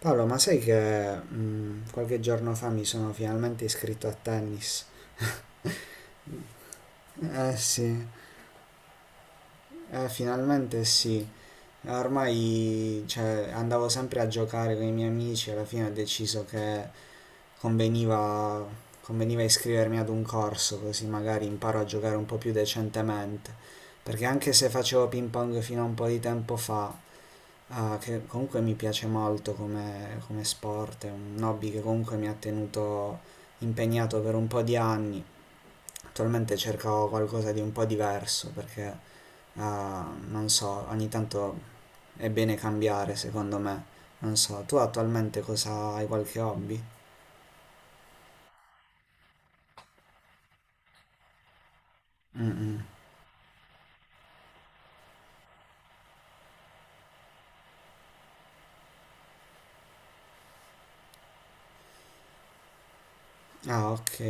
Paolo, ma sai che qualche giorno fa mi sono finalmente iscritto a tennis? Eh sì, finalmente sì. Ormai, cioè, andavo sempre a giocare con i miei amici, alla fine ho deciso che conveniva, conveniva iscrivermi ad un corso, così magari imparo a giocare un po' più decentemente. Perché anche se facevo ping pong fino a un po' di tempo fa, ah, che comunque mi piace molto come, come sport, è un hobby che comunque mi ha tenuto impegnato per un po' di anni. Attualmente cerco qualcosa di un po' diverso perché, ah, non so, ogni tanto è bene cambiare secondo me. Non so, tu attualmente cosa hai qualche hobby? Ah, ok.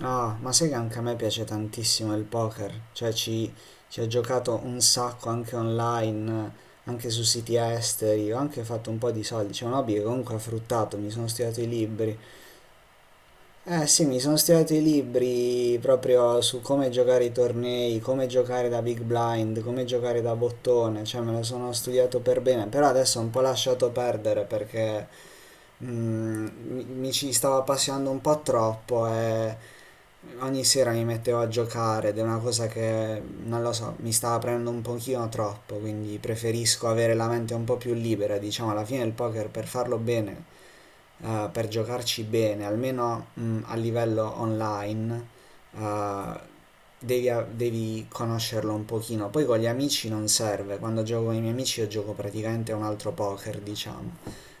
Ah, ma sai che anche a me piace tantissimo il poker, cioè ci ho giocato un sacco anche online, anche su siti esteri, ho anche fatto un po' di soldi, c'è un hobby che comunque ha fruttato, mi sono studiato i libri. Eh sì, mi sono studiato i libri proprio su come giocare i tornei, come giocare da big blind, come giocare da bottone, cioè me lo sono studiato per bene, però adesso ho un po' lasciato perdere perché mi ci stavo appassionando un po' troppo e ogni sera mi mettevo a giocare ed è una cosa che, non lo so, mi stava prendendo un pochino troppo, quindi preferisco avere la mente un po' più libera, diciamo, alla fine il poker per farlo bene per giocarci bene, almeno a livello online, eh, devi, devi conoscerlo un pochino. Poi con gli amici non serve, quando gioco con i miei amici io gioco praticamente a un altro poker, diciamo.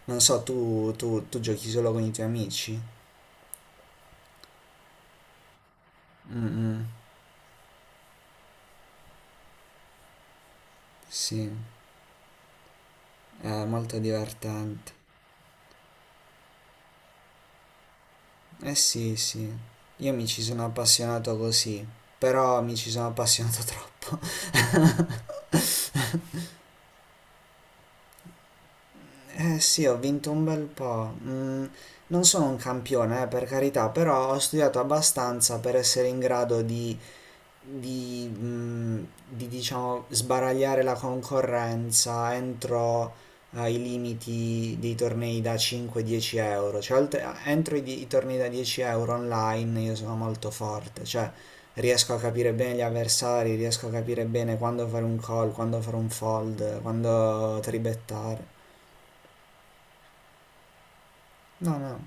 Non so, tu giochi solo con i tuoi amici? Mm, mm, sì, è molto divertente. Eh sì, sì, io mi ci sono appassionato così, però mi ci sono appassionato troppo. Eh sì, ho vinto un bel po'. Non sono un campione, per carità, però ho studiato abbastanza per essere in grado di diciamo, sbaragliare la concorrenza entro i limiti dei tornei da 5-10 euro. Cioè, entro i tornei da 10 euro online io sono molto forte, cioè riesco a capire bene gli avversari, riesco a capire bene quando fare un call, quando fare un fold, quando tribettare. No, no.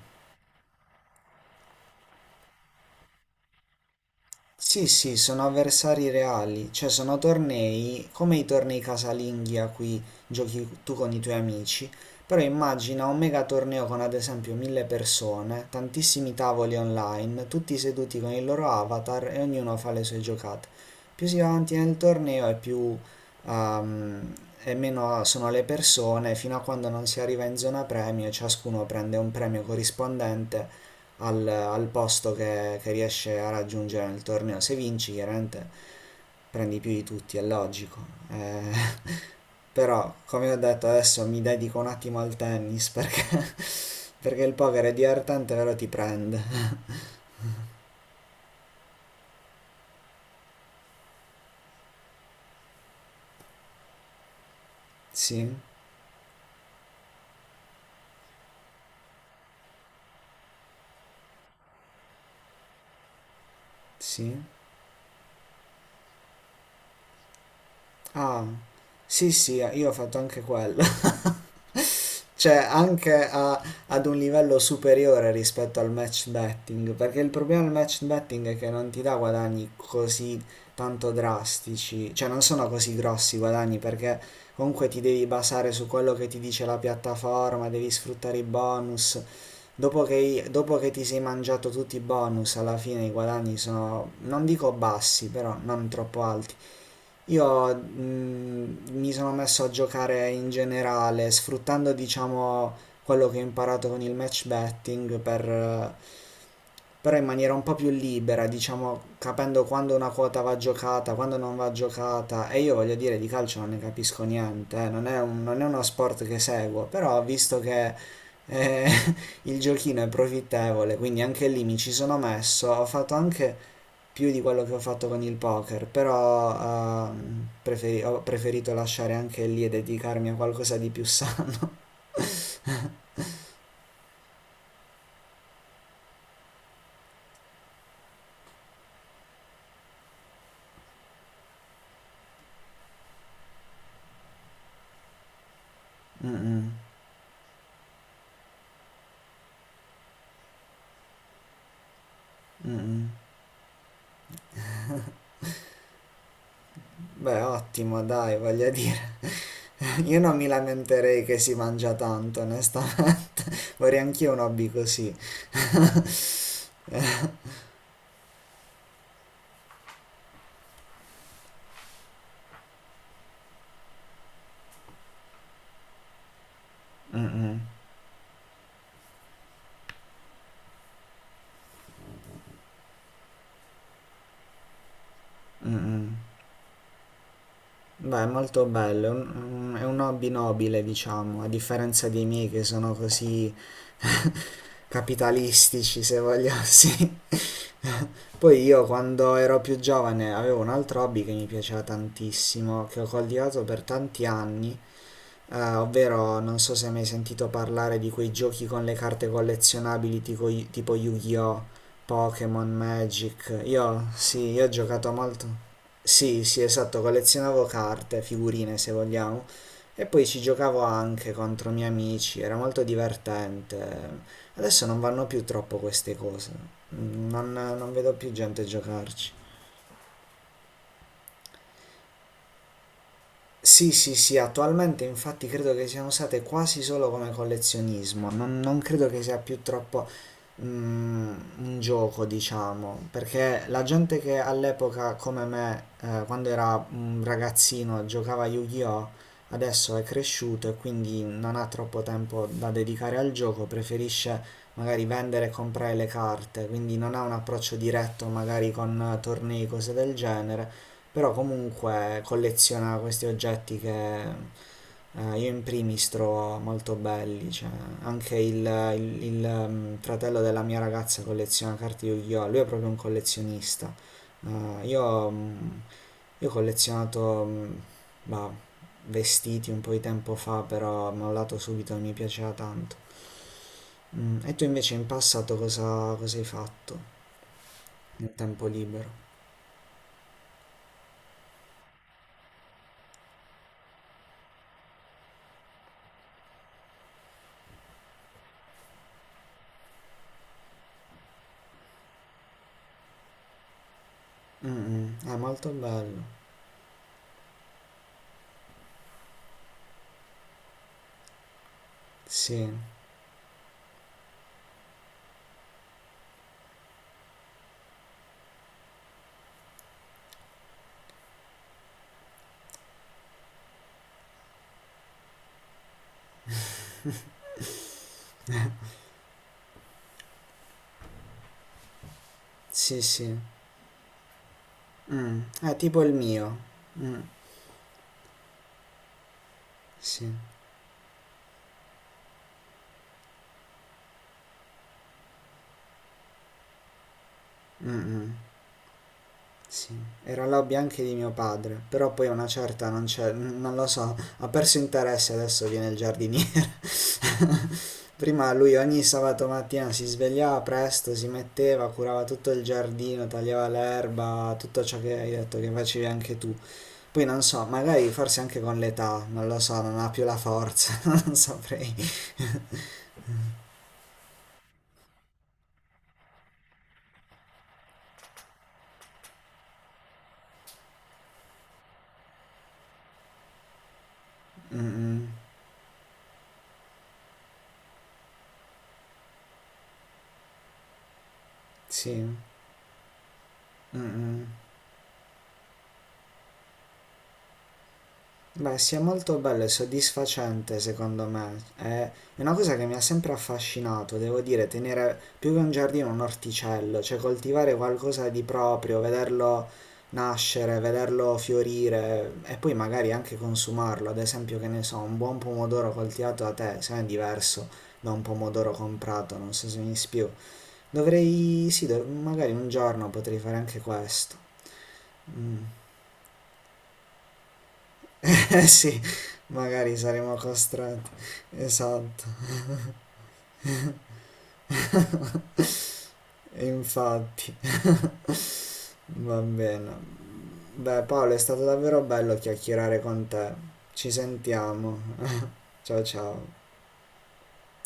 Sì, sì, sono avversari reali, cioè sono tornei come i tornei casalinghi a cui giochi tu con i tuoi amici, però immagina un mega torneo con ad esempio mille persone, tantissimi tavoli online, tutti seduti con il loro avatar e ognuno fa le sue giocate. Più si va avanti nel torneo e più ehm, e meno sono le persone, fino a quando non si arriva in zona premio, e ciascuno prende un premio corrispondente al, al posto che riesce a raggiungere nel torneo. Se vinci, chiaramente prendi più di tutti, è logico. Eh, però, come ho detto, adesso mi dedico un attimo al tennis perché, perché il poker è divertente, però ti prende. Sì, sì. Ah, sì, sì, io ho fatto anche quello. Cioè anche ad un livello superiore rispetto al match betting, perché il problema del match betting è che non ti dà guadagni così tanto drastici, cioè non sono così grossi i guadagni perché comunque ti devi basare su quello che ti dice la piattaforma, devi sfruttare i bonus. Dopo che, dopo che ti sei mangiato tutti i bonus, alla fine i guadagni sono, non dico bassi, però non troppo alti. Io mi sono messo a giocare in generale, sfruttando diciamo quello che ho imparato con il match betting per, però in maniera un po' più libera, diciamo capendo quando una quota va giocata, quando non va giocata. E io voglio dire, di calcio non ne capisco niente, non è non è uno sport che seguo, però ho visto che eh, il giochino è profittevole, quindi anche lì mi ci sono messo, ho fatto anche più di quello che ho fatto con il poker, però ho preferito lasciare anche lì e dedicarmi a qualcosa di più sano. Mm-mm. Beh, ottimo, dai, voglio dire. Io non mi lamenterei che si mangia tanto, onestamente. Vorrei anch'io un hobby così. Mm-mm, mm-mm. Beh, molto bello, è un, hobby nobile, diciamo, a differenza dei miei che sono così capitalistici, se vogliamo, sì. Poi io quando ero più giovane avevo un altro hobby che mi piaceva tantissimo, che ho coltivato per tanti anni, ovvero, non so se hai mai sentito parlare di quei giochi con le carte collezionabili tipo Yu-Gi-Oh, Pokémon, Magic. Io, sì, io ho giocato molto. Sì, sì, esatto, collezionavo carte, figurine se vogliamo, e poi ci giocavo anche contro miei amici, era molto divertente. Adesso non vanno più troppo queste cose, non, non vedo più gente giocarci. Sì, sì, sì, attualmente infatti credo che siano usate quasi solo come collezionismo, non, non credo che sia più troppo mm, un gioco, diciamo, perché la gente che all'epoca come me, quando era un ragazzino, giocava a Yu-Gi-Oh! Adesso è cresciuto e quindi non ha troppo tempo da dedicare al gioco, preferisce magari vendere e comprare le carte, quindi non ha un approccio diretto magari con tornei, cose del genere però comunque colleziona questi oggetti che io in primis trovo molto belli, cioè anche il fratello della mia ragazza colleziona carte Yu-Gi-Oh! Lui è proprio un collezionista. Eh, io, mm, io ho collezionato bah, vestiti un po' di tempo fa, però mi ho dato subito e mi piaceva tanto. E tu invece in passato cosa hai fatto nel tempo libero? Mm, mm, è molto bello, sì, sì, sì. Mh, è tipo il mio. Mh, sì. Mh-mh, sì. Era l'hobby anche di mio padre, però poi a una certa non c'è n non lo so, ha perso interesse, adesso viene il giardiniere. Prima lui ogni sabato mattina si svegliava presto, si metteva, curava tutto il giardino, tagliava l'erba, tutto ciò che hai detto che facevi anche tu. Poi non so, magari forse anche con l'età, non lo so, non ha più la forza, non saprei. Mh-mh, sì. Mh-mh. Beh, sì, è molto bello e soddisfacente secondo me. È una cosa che mi ha sempre affascinato, devo dire, tenere più che un giardino un orticello, cioè coltivare qualcosa di proprio, vederlo nascere, vederlo fiorire e poi magari anche consumarlo. Ad esempio, che ne so, un buon pomodoro coltivato da te, se no è diverso da un pomodoro comprato, non so se mi spiego. Dovrei, sì, magari un giorno potrei fare anche questo. Mm. Eh sì, magari saremo costretti. Esatto. Infatti. Va bene. Beh, Paolo, è stato davvero bello chiacchierare con te. Ci sentiamo. Ciao ciao.